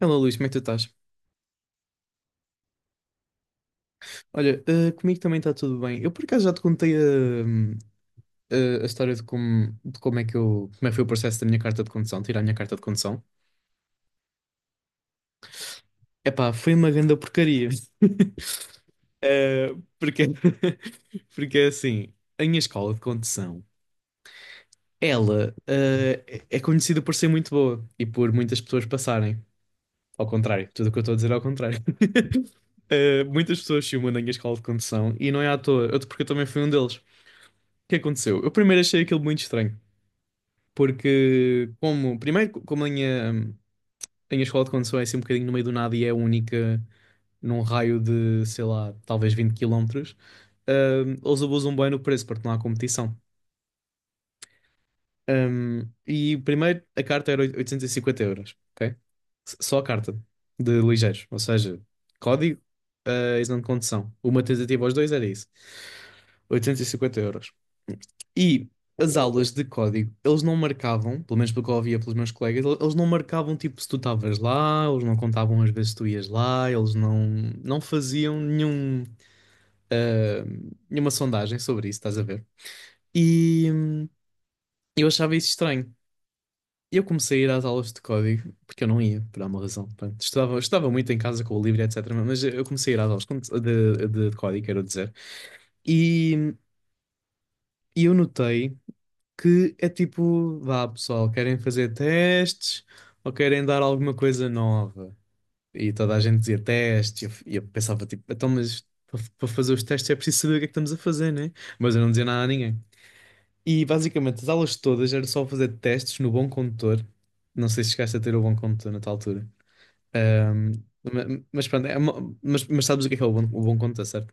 Olá Luís, como é que tu estás? Olha, comigo também está tudo bem. Eu por acaso já te contei a história de como é que foi o processo da minha carta de condução, tirar a minha carta de condução. Epá, foi uma grande porcaria. Eh, porque, porque é assim, a minha escola de condução, ela é conhecida por ser muito boa e por muitas pessoas passarem. Ao contrário, tudo o que eu estou a dizer é ao contrário. Muitas pessoas filmam na minha escola de condução e não é à toa, porque eu também fui um deles. O que aconteceu? Eu primeiro achei aquilo muito estranho, porque como a minha escola de condução é assim um bocadinho no meio do nada e é única num raio de, sei lá, talvez 20 quilómetros. Eles abusam bem no preço porque não há competição. E primeiro a carta era 850 euros, ok? Só a carta de ligeiros, ou seja, código, exame de condução. Uma tentativa aos dois era isso. 850 euros. E as aulas de código, eles não marcavam, pelo menos pelo que eu ouvia pelos meus colegas, eles não marcavam tipo se tu estavas lá, eles não contavam as vezes que tu ias lá, eles não, não faziam nenhum, ah, nenhuma sondagem sobre isso, estás a ver? E eu achava isso estranho. Eu comecei a ir às aulas de código, porque eu não ia, por alguma razão. Pronto, estudava, estudava muito em casa com o livro, etc. Mas eu comecei a ir às aulas de código, quero dizer. E, e eu notei que é tipo, vá pessoal, querem fazer testes ou querem dar alguma coisa nova? E toda a gente dizia testes, e eu pensava tipo, então, mas para fazer os testes é preciso saber o que é que estamos a fazer, né? Mas eu não dizia nada a ninguém. E basicamente as aulas todas era só fazer testes no bom condutor. Não sei se chegaste a ter o bom condutor na tal altura. Ahm, mas pronto, mas sabes o que é o bom condutor, certo?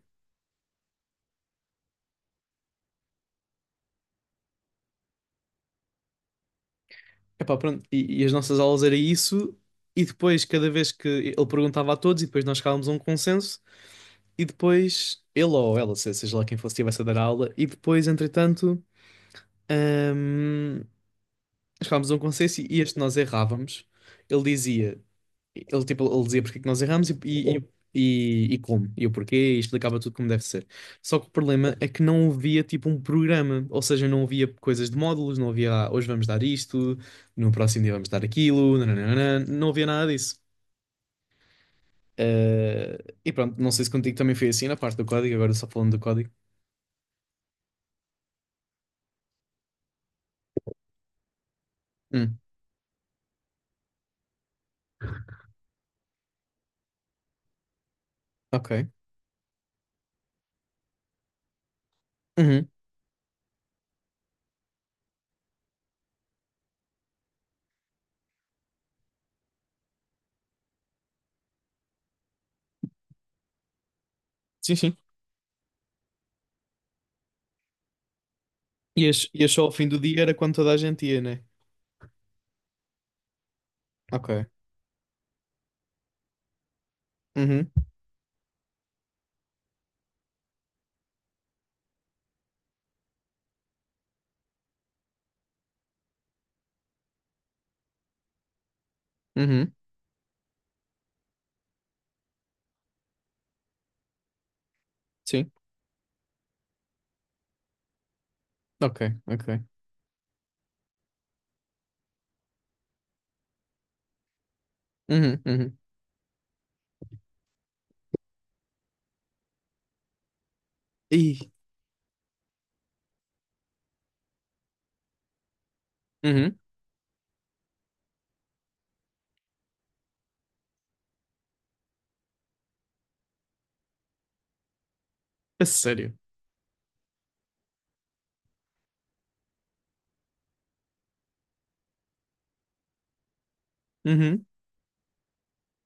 Epá, pronto, e as nossas aulas era isso, e depois, cada vez que ele perguntava a todos, e depois nós chegávamos a um consenso, e depois ele ou ela, seja lá quem fosse, estivesse a dar a aula, e depois, entretanto, hum, chegávamos a um consenso e este nós errávamos. Ele dizia ele dizia porque é que nós erramos e como, e o porquê, e explicava tudo como deve ser. Só que o problema é que não havia tipo um programa, ou seja, não havia coisas de módulos, não havia "Ah, hoje vamos dar isto, no próximo dia vamos dar aquilo, nananana", não havia nada disso. Eh, e pronto, não sei se contigo também foi assim na parte do código, agora só falando do código. Hum, ok. Uhum. Sim, sim. Ias só ao fim do dia, era quando toda a gente ia, né? Ok. Uhum, uhum, sim. Ok, ok. Uhum, uhum. Ih. Uhum. A sério? Uhum,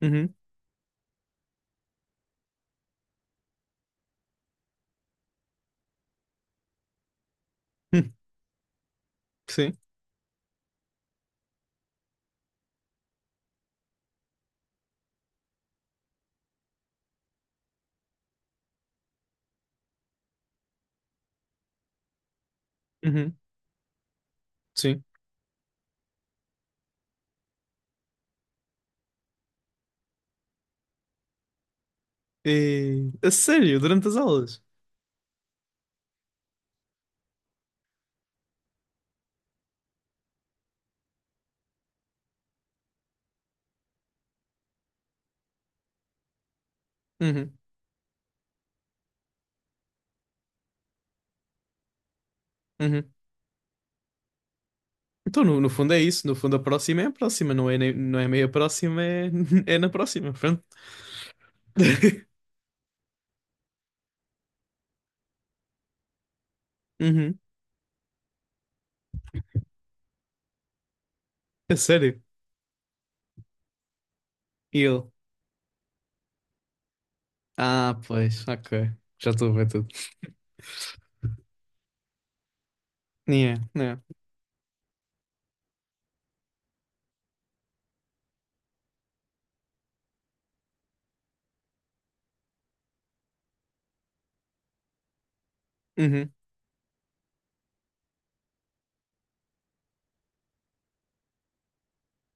uhum, hum, sim, uhum, sim. E... A sério, durante as aulas? Uhum, uhum. Então, no fundo é isso. No fundo, a próxima é a próxima, não é, não é meia próxima, é, é na próxima, pronto. Uhum, a sério? E ele? Ah, pois, ok. Já estou a ver tudo. Yeah, yeah. Uhum.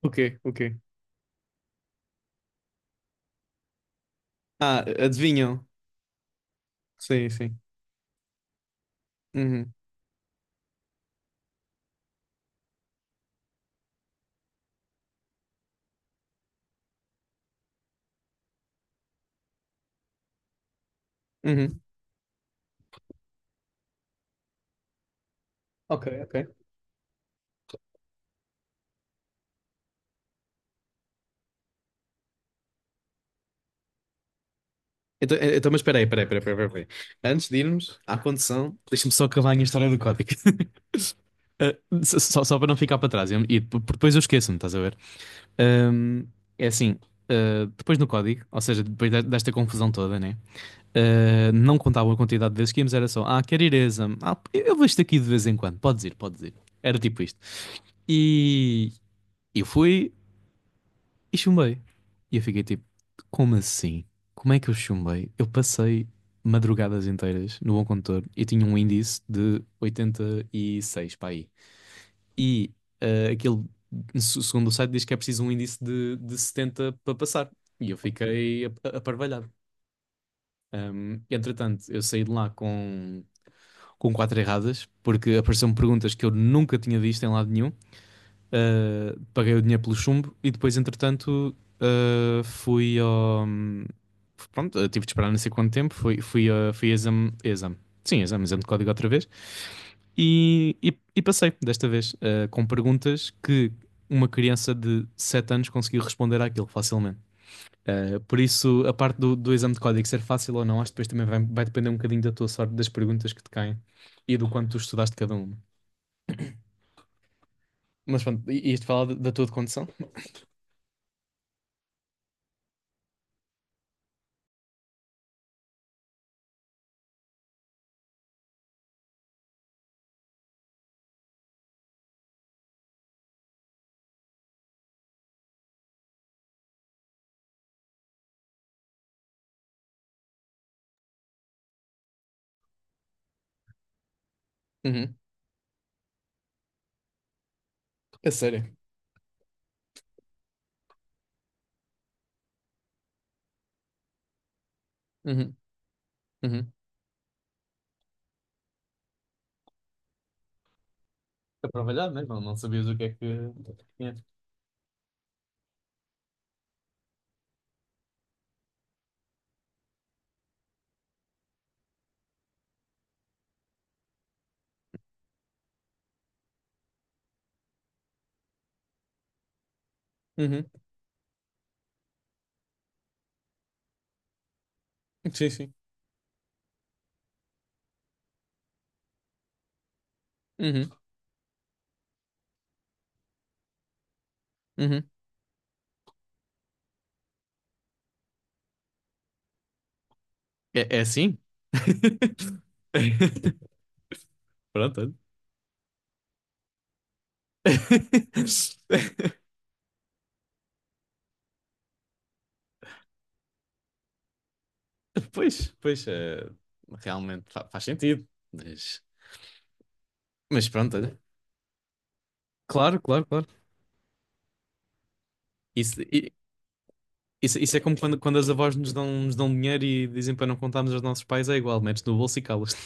O quê? O quê? Ah, adivinham? Sim, sim. Uhum, uhum. Ok, ok. Então, então, mas espera aí, espera aí, espera aí, espera aí, espera aí. Antes de irmos à condição, deixa-me só acabar a minha história do código. Eh, só para não ficar para trás. E depois eu esqueço-me, estás a ver? Ahm, É assim, depois no código, ou seja, desta confusão toda, né? Não contava a quantidade de vezes que íamos, era só, ah, quer ir a exame? Ah, eu vou isto aqui de vez em quando, podes ir, podes ir. Era tipo isto. E eu fui, e chumbei. E eu fiquei tipo, como assim? Como é que eu chumbei? Eu passei madrugadas inteiras no Bom Condutor e tinha um índice de 86 para aí. E ah, aquele, segundo o site, diz que é preciso um índice de 70 para passar. E eu fiquei aparvalhado. Entretanto, eu saí de lá com quatro erradas, porque apareceram perguntas que eu nunca tinha visto em lado nenhum. Paguei o dinheiro pelo chumbo e depois, entretanto, fui ao. Pronto, eu tive de esperar não sei quanto tempo. Fui a exame, exame. Sim, exame, exame de código outra vez. E passei desta vez, com perguntas que uma criança de 7 anos conseguiu responder àquilo facilmente. Por isso, a parte do exame de código ser fácil ou não, acho que depois também vai depender um bocadinho da tua sorte, das perguntas que te caem e do quanto tu estudaste cada uma. Mas pronto, isto fala da tua condição? Uhum. A sério. Uhum, uhum. Para trabalhar mesmo, não sabias o que é que tinha. Uhum. Sim, sim. Uhum, uhum. É, é assim? Pronto. Olha. Pois, pois, realmente faz sentido. Mas, mas pronto, olha. Claro, claro, claro. Isso, i- isso é como quando as avós nos dão dinheiro e dizem para não contarmos aos nossos pais, é igual, metes no bolso e calas-te.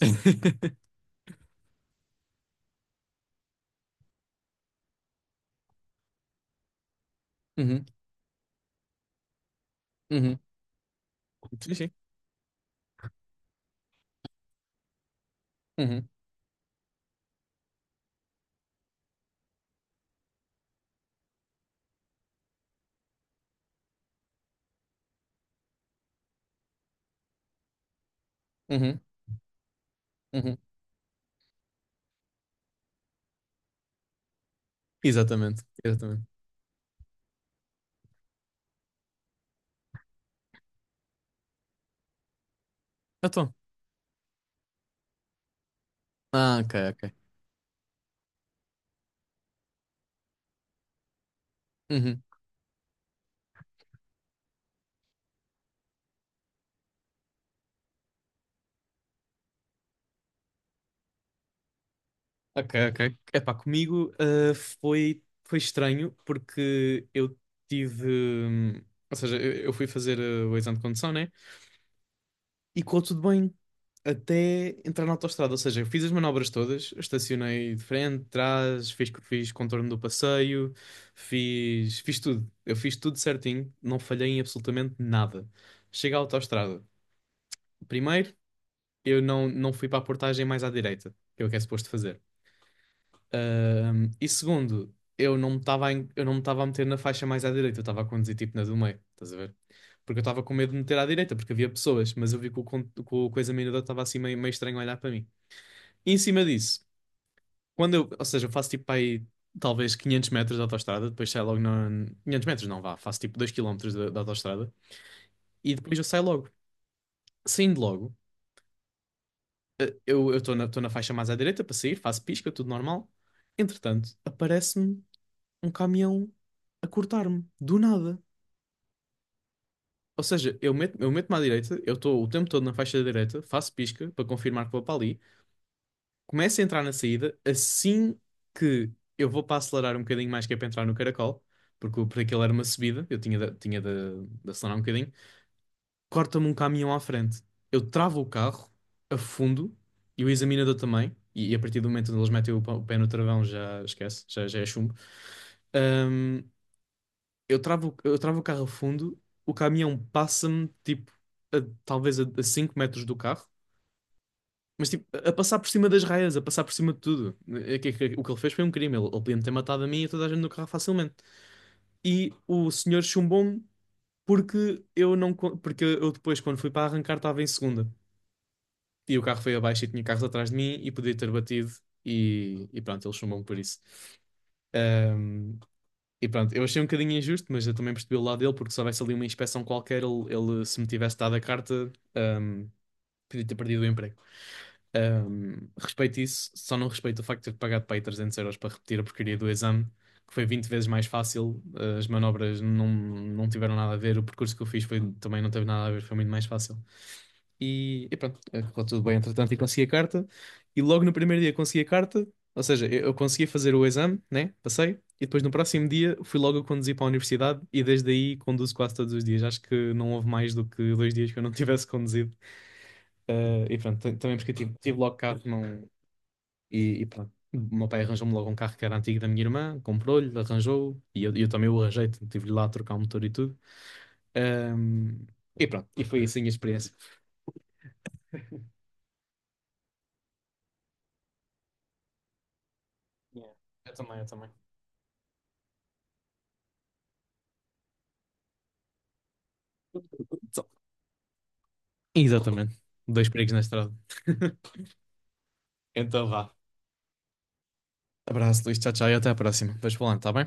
Uhum, uhum. Sim, sim. Uhum, uhum, uhum. Exatamente, exatamente. Então. Ah, ok, ok. Uhum. Ok, ok. Epá, comigo foi estranho porque eu tive. Ou seja, eu fui fazer o exame de condução, né? E correu tudo bem até entrar na autoestrada. Ou seja, eu fiz as manobras todas, estacionei de frente, de trás, fiz contorno do passeio, fiz tudo. Eu fiz tudo certinho, não falhei em absolutamente nada. Cheguei à autoestrada. Primeiro, eu não fui para a portagem mais à direita, que é o que é suposto fazer. E segundo, eu não me estava a meter na faixa mais à direita, eu estava a conduzir tipo na do meio, estás a ver? Porque eu estava com medo de me meter à direita, porque havia pessoas, mas eu vi que o coisa menuda estava assim meio, meio estranho a olhar para mim. E em cima disso, ou seja, eu faço tipo para aí talvez 500 metros de autoestrada, depois saio logo na. 500 metros não vá, faço tipo 2 km da autoestrada e depois eu saio logo. Saindo logo. Tô na faixa mais à direita para sair, faço pisca, tudo normal. Entretanto, aparece-me um caminhão a cortar-me, do nada. Ou seja, eu meto-me à direita, eu estou o tempo todo na faixa da direita, faço pisca para confirmar que vou para ali, começo a entrar na saída, assim que eu vou para acelerar um bocadinho mais que é para entrar no caracol, porque, porque aquilo era uma subida, eu tinha de acelerar um bocadinho. Corta-me um caminhão à frente. Eu travo o carro, afundo, e o examinador também, e a partir do momento onde eles metem o pé no travão já esquece, já é chumbo. Ahm, eu travo o carro a fundo, o caminhão passa-me, tipo, a- talvez a 5 metros do carro, mas tipo, a passar por cima das raias, a passar por cima de tudo. O que ele fez foi um crime, ele podia-me ter matado a mim e a toda a gente no carro facilmente. E o senhor chumbou-me porque eu não, co- porque eu depois, quando fui para arrancar, estava em segunda. E o carro foi abaixo e tinha carros atrás de mim e podia ter batido. E pronto, ele chumbou-me por isso. Ahm, e pronto, eu achei um bocadinho injusto, mas eu também percebi o lado dele, porque se houvesse ali uma inspeção qualquer, ele, se me tivesse dado a carta, podia ter perdido o emprego. Respeito isso, só não respeito o facto de ter pagado para aí 300 € para repetir a porcaria do exame, que foi 20 vezes mais fácil. As manobras não tiveram nada a ver, o percurso que eu fiz foi, também não teve nada a ver, foi muito mais fácil. E pronto, correu tudo bem, entretanto, e consegui a carta. E logo no primeiro dia consegui a carta, ou seja, eu consegui fazer o exame, né? Passei. E depois no próximo dia fui logo a conduzir para a universidade e desde aí conduzo quase todos os dias. Acho que não houve mais do que 2 dias que eu não tivesse conduzido. E pronto, também porque eu tive logo carro, não... e pronto. O meu pai arranjou-me logo um carro que era antigo da minha irmã, comprou-lhe, arranjou, e eu também o arranjei, tive-lhe lá a trocar o motor e tudo. Ahm, e pronto, e foi assim a experiência. Yeah. Eu também, eu também. Exatamente. Dois perigos na estrada. Então vá. Abraço, Luís. Tchau, tchau e até a próxima. Depois falando, tá bem?